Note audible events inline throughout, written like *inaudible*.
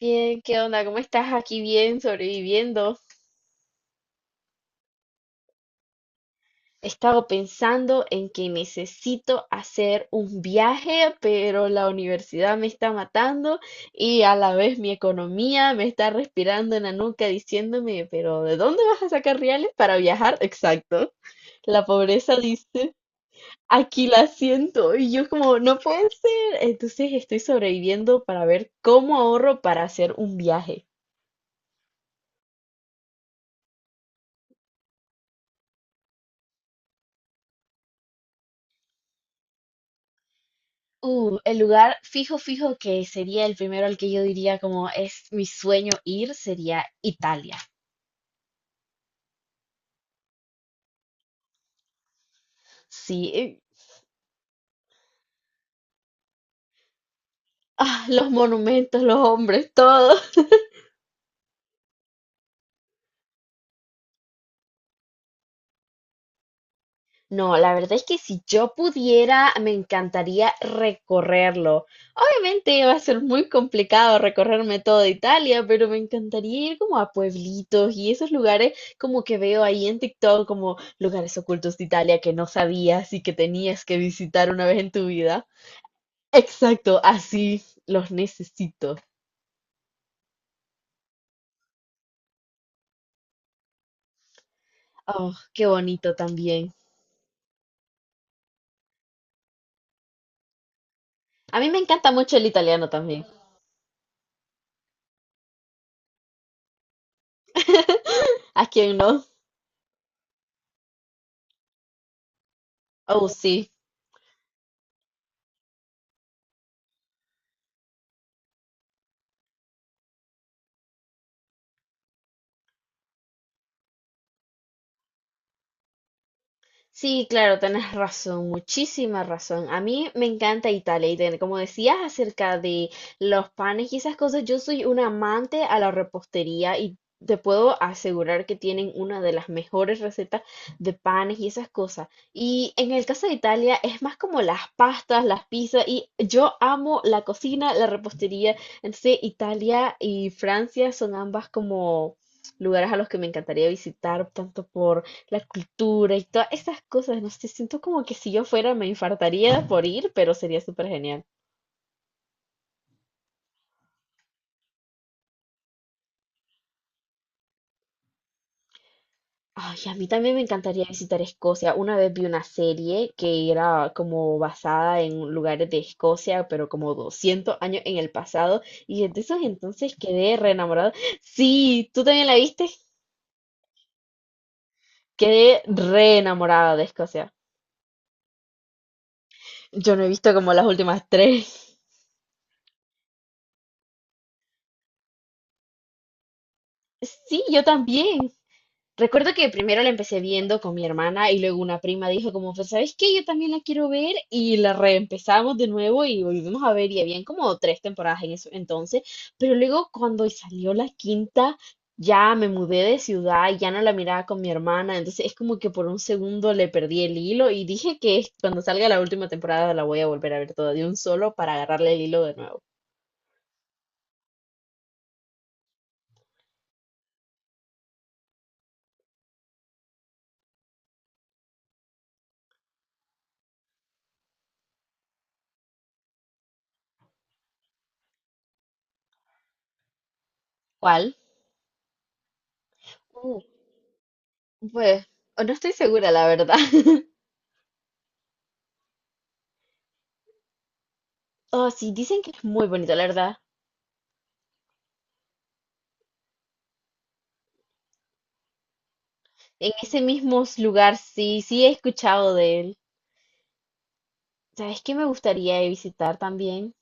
Bien, ¿qué onda? ¿Cómo estás? Aquí bien, sobreviviendo. He estado pensando en que necesito hacer un viaje, pero la universidad me está matando y a la vez mi economía me está respirando en la nuca diciéndome, pero ¿de dónde vas a sacar reales para viajar? Exacto. La pobreza dice, aquí la siento y yo como, no puede ser. Entonces estoy sobreviviendo para ver cómo ahorro para hacer un viaje. El lugar fijo que sería el primero al que yo diría como es mi sueño ir sería Italia. Sí, ah, los monumentos, los hombres, todo. No, la verdad es que si yo pudiera, me encantaría recorrerlo. Obviamente va a ser muy complicado recorrerme toda Italia, pero me encantaría ir como a pueblitos y esos lugares como que veo ahí en TikTok, como lugares ocultos de Italia que no sabías y que tenías que visitar una vez en tu vida. Exacto, así los necesito. Oh, qué bonito también. A mí me encanta mucho el italiano también. *laughs* ¿A quién no? Oh, sí. Sí, claro, tenés razón, muchísima razón. A mí me encanta Italia y como decías acerca de los panes y esas cosas, yo soy una amante a la repostería y te puedo asegurar que tienen una de las mejores recetas de panes y esas cosas. Y en el caso de Italia es más como las pastas, las pizzas y yo amo la cocina, la repostería. Entonces Italia y Francia son ambas como lugares a los que me encantaría visitar, tanto por la cultura y todas estas cosas. No sé, siento como que si yo fuera me infartaría por ir, pero sería súper genial. Ay, a mí también me encantaría visitar Escocia. Una vez vi una serie que era como basada en lugares de Escocia, pero como 200 años en el pasado. Y desde esos entonces quedé re enamorada. Sí, ¿tú también la viste? Quedé re enamorada de Escocia. Yo no he visto como las últimas tres. Sí, yo también. Recuerdo que primero la empecé viendo con mi hermana y luego una prima dijo como, pues, ¿sabes qué? Yo también la quiero ver, y la reempezamos de nuevo y volvimos a ver, y habían como tres temporadas en eso entonces, pero luego cuando salió la quinta ya me mudé de ciudad y ya no la miraba con mi hermana, entonces es como que por un segundo le perdí el hilo y dije cuando salga la última temporada la voy a volver a ver toda de un solo para agarrarle el hilo de nuevo. ¿Cuál? Uh, pues, no estoy segura, la verdad. *laughs* Oh, sí, dicen que es muy bonito, la verdad. En ese mismo lugar, sí, sí he escuchado de él. ¿Sabes qué me gustaría visitar también?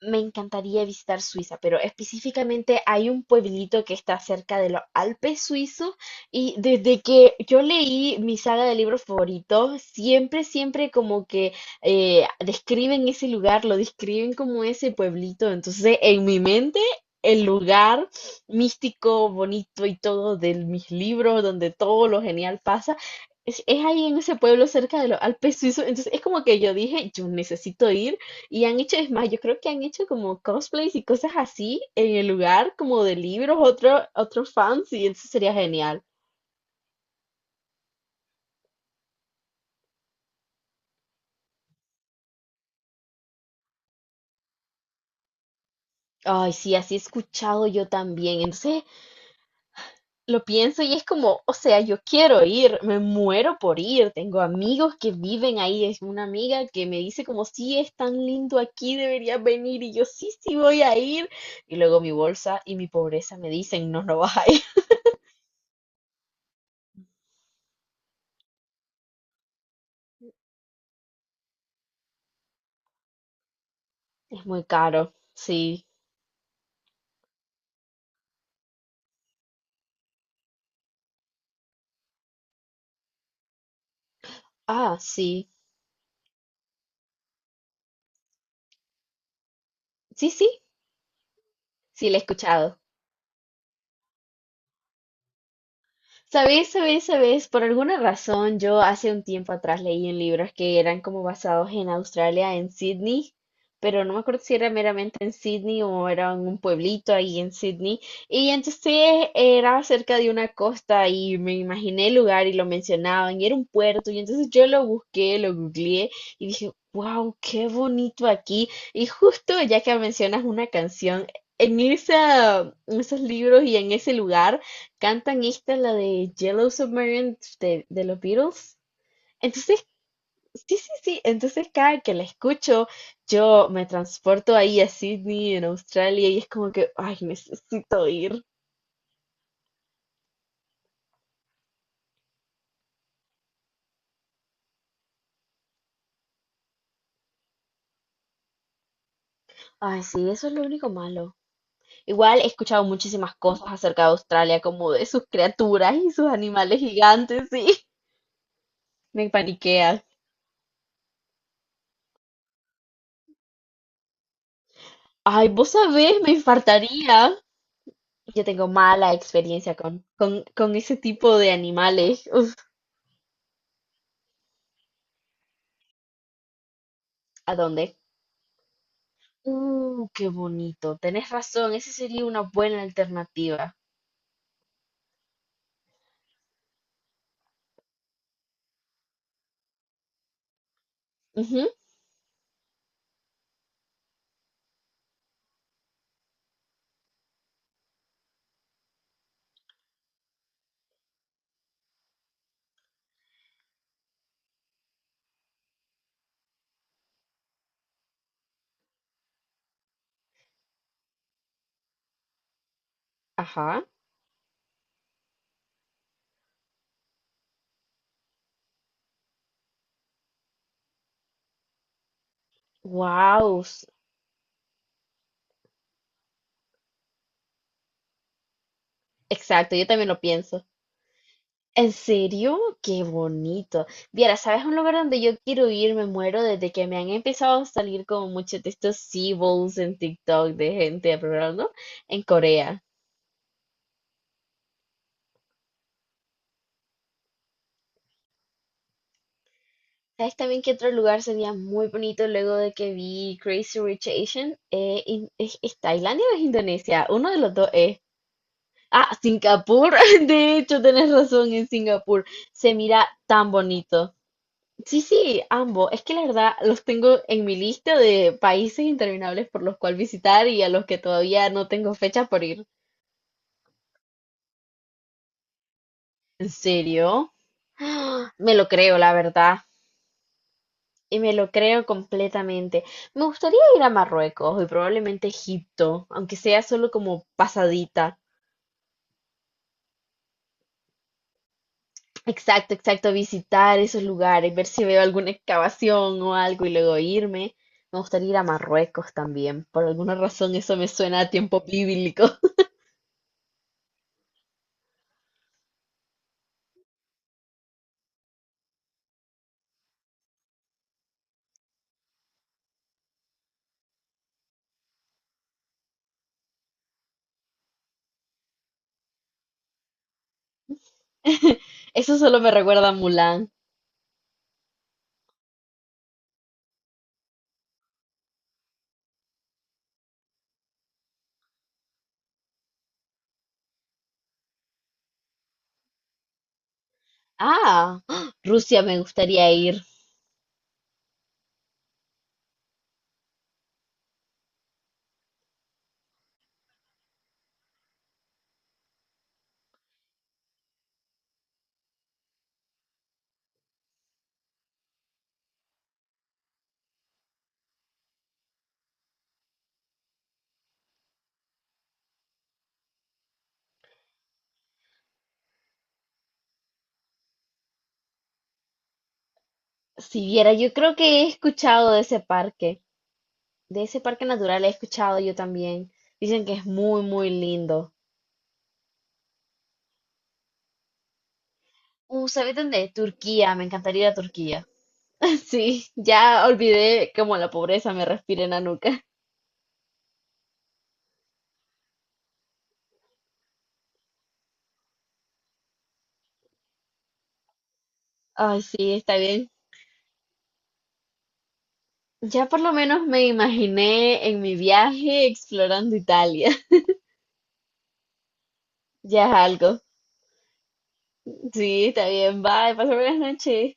Me encantaría visitar Suiza, pero específicamente hay un pueblito que está cerca de los Alpes suizos, y desde que yo leí mi saga de libros favoritos, siempre, siempre como que describen ese lugar, lo describen como ese pueblito. Entonces, en mi mente, el lugar místico, bonito y todo de mis libros, donde todo lo genial pasa, es ahí en ese pueblo cerca de los Alpes suizos. Entonces, es como que yo dije, yo necesito ir. Y han hecho, es más, yo creo que han hecho como cosplays y cosas así en el lugar, como de libros, otros fans, y eso sería genial. Ay, sí, así he escuchado yo también. Entonces lo pienso y es como, o sea, yo quiero ir, me muero por ir. Tengo amigos que viven ahí. Es una amiga que me dice como, sí, es tan lindo aquí, deberías venir. Y yo, sí, sí, voy a ir. Y luego mi bolsa y mi pobreza me dicen, no, no vas a ir. *laughs* Es muy caro. Sí. Ah, sí. Sí, sí, sí, la he escuchado. Sabéis, sabéis, sabéis, por alguna razón yo hace un tiempo atrás leí en libros que eran como basados en Australia, en Sydney, pero no me acuerdo si era meramente en Sydney o era en un pueblito ahí en Sydney. Y entonces era cerca de una costa y me imaginé el lugar y lo mencionaban y era un puerto y entonces yo lo busqué, lo googleé y dije, wow, qué bonito aquí. Y justo ya que mencionas una canción, en esa, en esos libros y en ese lugar, cantan esta, la de Yellow Submarine de los Beatles. Entonces, sí, sí, sí. Entonces, cada que la escucho, yo me transporto ahí a Sydney, en Australia, y es como que, ay, necesito ir. Ay, sí, eso es lo único malo. Igual he escuchado muchísimas cosas acerca de Australia, como de sus criaturas y sus animales gigantes, sí. *laughs* Me paniquea. Ay, vos sabés, me infartaría. Yo tengo mala experiencia con ese tipo de animales. Uf, ¿a dónde? Qué bonito. Tenés razón, esa sería una buena alternativa. Ujú, ajá. Wow. Exacto, yo también lo pienso. ¿En serio? Qué bonito. Viera, ¿sabes un lugar donde yo quiero ir? Me muero desde que me han empezado a salir como muchos de estos Seaballs en TikTok de gente, ¿no? En Corea. ¿Sabes también que otro lugar sería muy bonito luego de que vi Crazy Rich Asian? ¿Es Tailandia o es Indonesia? Uno de los dos es. Ah, Singapur. *laughs* De hecho, tenés razón, en Singapur. Se mira tan bonito. Sí, sí, ambos. Es que la verdad los tengo en mi lista de países interminables por los cuales visitar y a los que todavía no tengo fecha por ir. ¿En serio? *gasps* ¡Ah! Me lo creo, la verdad. Y me lo creo completamente. Me gustaría ir a Marruecos y probablemente Egipto, aunque sea solo como pasadita. Exacto, exacto, visitar esos lugares, ver si veo alguna excavación o algo y luego irme. Me gustaría ir a Marruecos también. Por alguna razón eso me suena a tiempo bíblico. *laughs* Eso solo me recuerda a Mulan. Ah, ¡ah! Rusia, me gustaría ir. Si viera, yo creo que he escuchado de ese parque natural he escuchado yo también. Dicen que es muy, muy lindo. ¿Sabes dónde? Turquía, me encantaría ir a Turquía. *laughs* Sí, ya olvidé cómo la pobreza me respira en la nuca. Ay, sí, está bien. Ya por lo menos me imaginé en mi viaje explorando Italia. *laughs* Ya es algo. Sí, está bien. Bye, pasa buenas noches.